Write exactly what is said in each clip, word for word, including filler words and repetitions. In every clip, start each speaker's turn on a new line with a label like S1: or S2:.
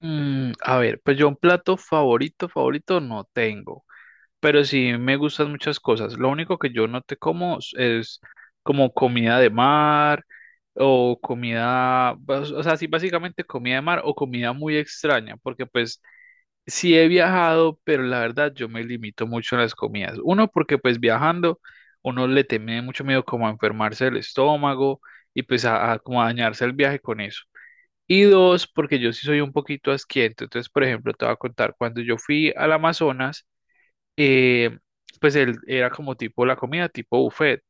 S1: Mm, a ver, pues yo un plato favorito, favorito no tengo, pero sí me gustan muchas cosas. Lo único que yo no te como s- es como comida de mar o comida, bas- o sea, sí, básicamente comida de mar o comida muy extraña, porque pues sí he viajado, pero la verdad yo me limito mucho en las comidas. Uno, porque pues viajando uno le tiene mucho miedo como a enfermarse el estómago y pues a, a como a dañarse el viaje con eso. Y dos, porque yo sí soy un poquito asquiento. Entonces, por ejemplo, te voy a contar, cuando yo fui al Amazonas, eh, pues él era como tipo la comida, tipo buffet.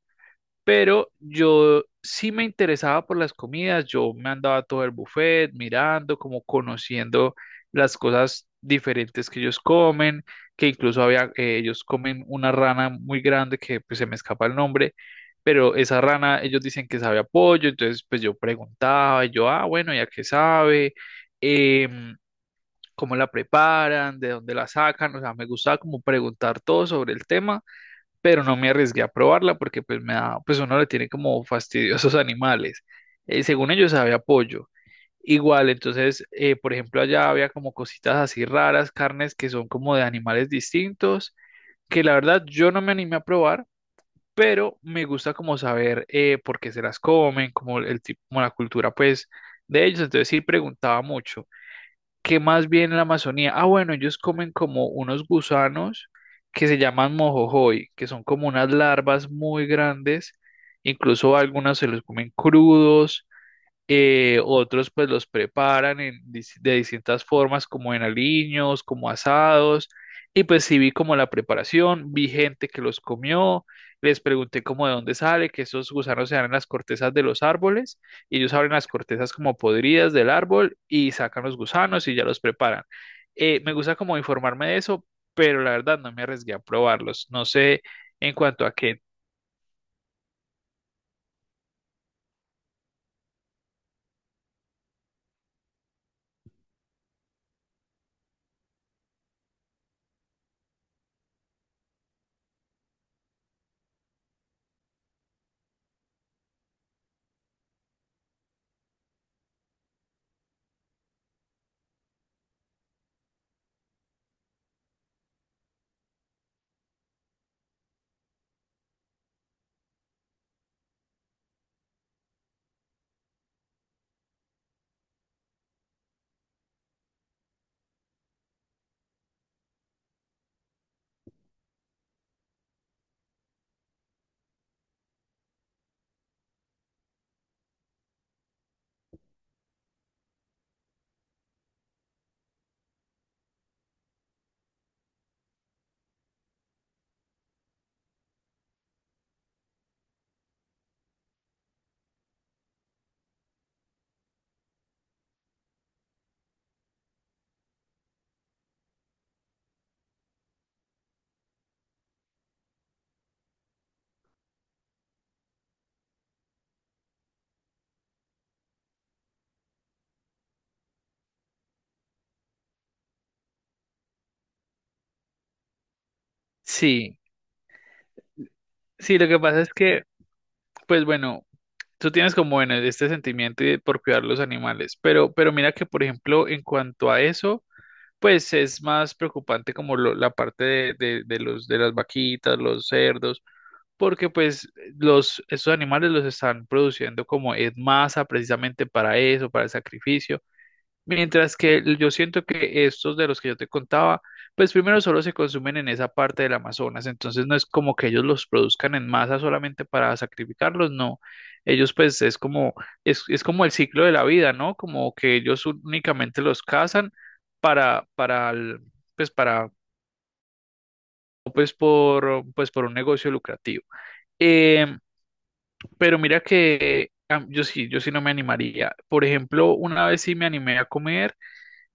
S1: Pero yo sí me interesaba por las comidas, yo me andaba todo el buffet mirando, como conociendo las cosas diferentes que ellos comen, que incluso había, eh, ellos comen una rana muy grande que pues, se me escapa el nombre, pero esa rana ellos dicen que sabe a pollo, entonces pues yo preguntaba, y yo, ah, bueno, ¿y a qué sabe? Em, ¿cómo la preparan? ¿De dónde la sacan? O sea, me gustaba como preguntar todo sobre el tema, pero no me arriesgué a probarla porque pues me da, pues uno le tiene como fastidiosos animales. Eh, según ellos había pollo. Igual, entonces, eh, por ejemplo, allá había como cositas así raras, carnes que son como de animales distintos, que la verdad yo no me animé a probar, pero me gusta como saber eh, por qué se las comen, como el tipo, como la cultura pues de ellos. Entonces sí preguntaba mucho. ¿Qué más bien en la Amazonía? Ah, bueno, ellos comen como unos gusanos que se llaman mojojoy, que son como unas larvas muy grandes, incluso algunas se los comen crudos, eh, otros pues los preparan en dis- de distintas formas, como en aliños, como asados. Y pues sí vi como la preparación, vi gente que los comió, les pregunté como de dónde sale, que esos gusanos se dan en las cortezas de los árboles, y ellos abren las cortezas como podridas del árbol y sacan los gusanos y ya los preparan. Eh, me gusta como informarme de eso, pero la verdad no me arriesgué a probarlos. No sé en cuanto a que sí, sí, lo que pasa es que, pues bueno. Tú tienes como bueno este sentimiento de- por cuidar los animales, pero, pero mira que, por ejemplo, en cuanto a eso, pues es más preocupante como lo- la parte de, de, de los, de las vaquitas, los cerdos, porque pues los, esos animales los están produciendo como en masa precisamente para eso, para el sacrificio. Mientras que el- yo siento que estos de los que yo te contaba, pues primero solo se consumen en esa parte del Amazonas, entonces no es como que ellos los produzcan en masa solamente para sacrificarlos, no. Ellos pues es como, es, es como el ciclo de la vida, ¿no? Como que ellos únicamente los cazan para, para, el- pues para, pues por, pues por un negocio lucrativo. Em, pero mira que am, yo sí, yo sí no me animaría. Por ejemplo, una vez sí me animé a comer.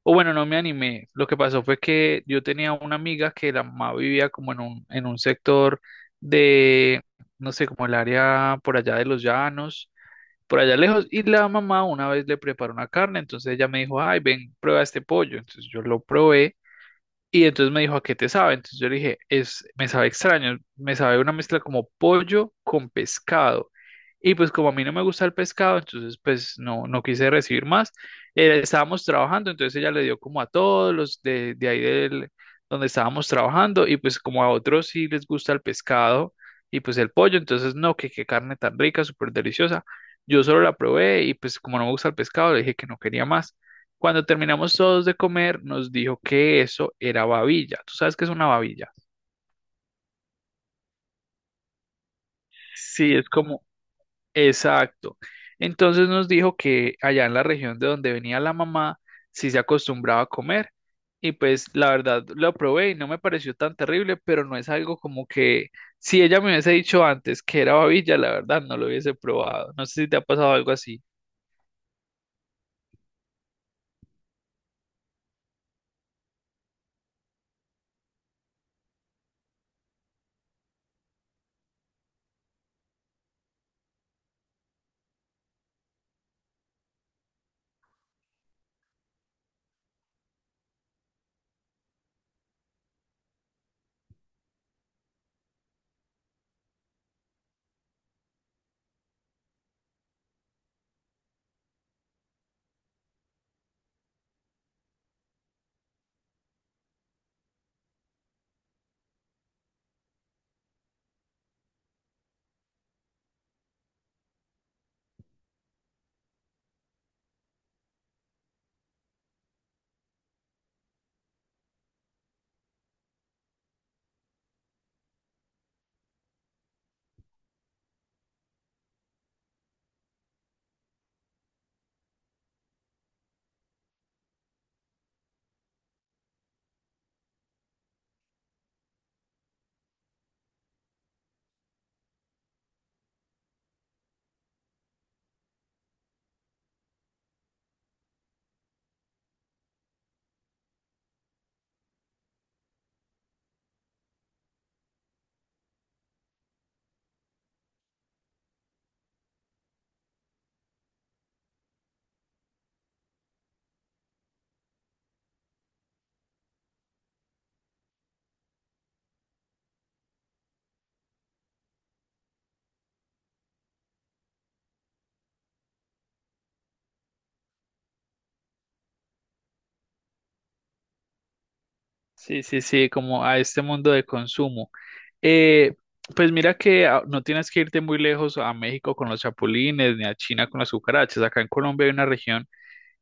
S1: O bueno, no me animé. Lo que pasó fue que yo tenía una amiga que la mamá vivía como en un, en un sector de, no sé, como el área por allá de los llanos, por allá lejos, y la mamá una vez le preparó una carne, entonces ella me dijo, ay, ven, prueba este pollo. Entonces yo lo probé. Y entonces me dijo, ¿a qué te sabe? Entonces yo le dije, es, me sabe extraño, me sabe una mezcla como pollo con pescado. Y pues como a mí no me gusta el pescado, entonces pues no, no quise recibir más. Eh, estábamos trabajando, entonces ella le dio como a todos los de, de ahí del, donde estábamos trabajando y pues como a otros sí les gusta el pescado y pues el pollo, entonces no, que qué carne tan rica, súper deliciosa. Yo solo la probé y pues como no me gusta el pescado, le dije que no quería más. Cuando terminamos todos de comer, nos dijo que eso era babilla. ¿Tú sabes qué es una babilla? Sí, es como exacto. Entonces nos dijo que allá en la región de donde venía la mamá, sí se acostumbraba a comer. Y pues la verdad lo probé y no me pareció tan terrible, pero no es algo como que si ella me hubiese dicho antes que era babilla, la verdad no lo hubiese probado. No sé si te ha pasado algo así. Sí, sí, sí, como a este mundo de consumo. Eh, pues mira que ah, no tienes que irte muy lejos a México con los chapulines, ni a China con las cucarachas. Acá en Colombia hay una región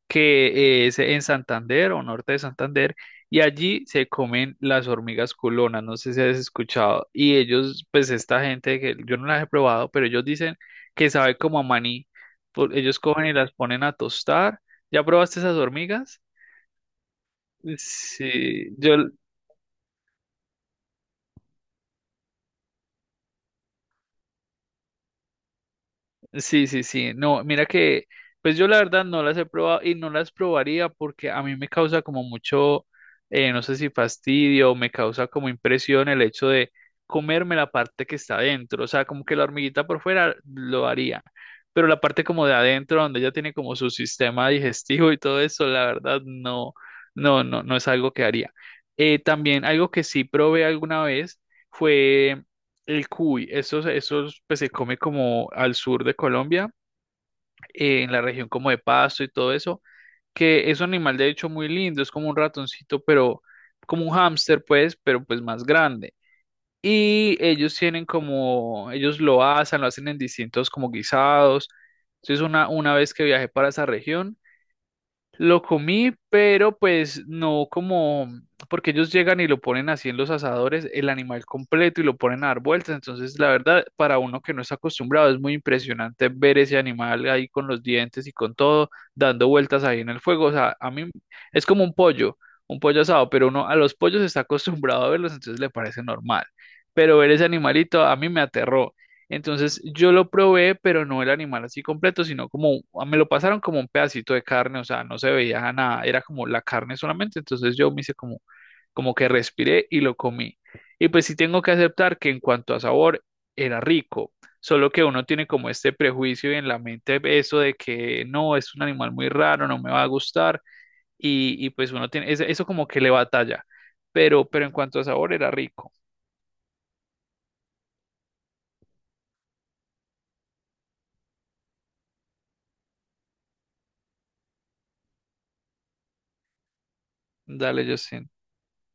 S1: que eh, es en Santander o norte de Santander, y allí se comen las hormigas culonas, no sé si has escuchado. Y ellos, pues esta gente, que yo no las he probado, pero ellos dicen que sabe como a maní. Por- Ellos cogen y las ponen a tostar. ¿Ya probaste esas hormigas? Sí, yo, sí, sí, sí. No, mira que, pues yo la verdad no las he probado y no las probaría porque a mí me causa como mucho, eh, no sé si fastidio, me causa como impresión el hecho de comerme la parte que está adentro. O sea, como que la hormiguita por fuera lo haría, pero la parte como de adentro, donde ella tiene como su sistema digestivo y todo eso, la verdad no, no, no, no es algo que haría. Eh, también algo que sí probé alguna vez fue el cuy, eso, se- eso pues, se come como al sur de Colombia, eh, en la región como de Pasto y todo eso, que es un animal de hecho muy lindo, es como un ratoncito, pero como un hámster pues, pero pues más grande. Y ellos tienen como, ellos lo asan, lo hacen en distintos como guisados. Entonces una, una vez que viajé para esa región, lo comí, pero pues no como, porque ellos llegan y lo ponen así en los asadores, el animal completo y lo ponen a dar vueltas. Entonces, la verdad, para uno que no está acostumbrado, es muy impresionante ver ese animal ahí con los dientes y con todo, dando vueltas ahí en el fuego. O sea, a mí es como un pollo, un pollo asado, pero uno a los pollos está acostumbrado a verlos, entonces le parece normal. Pero ver ese animalito a mí me aterró. Entonces yo lo probé, pero no el animal así completo, sino como me lo pasaron como un pedacito de carne, o sea, no se veía nada, era como la carne solamente, entonces yo me hice como, como que respiré y lo comí. Y pues sí tengo que aceptar que en cuanto a sabor era rico, solo que uno tiene como este prejuicio en la mente eso de que no, es un animal muy raro, no me va a gustar y, y pues uno tiene ese- eso como que le batalla, pero, pero en cuanto a sabor era rico. Dale, yo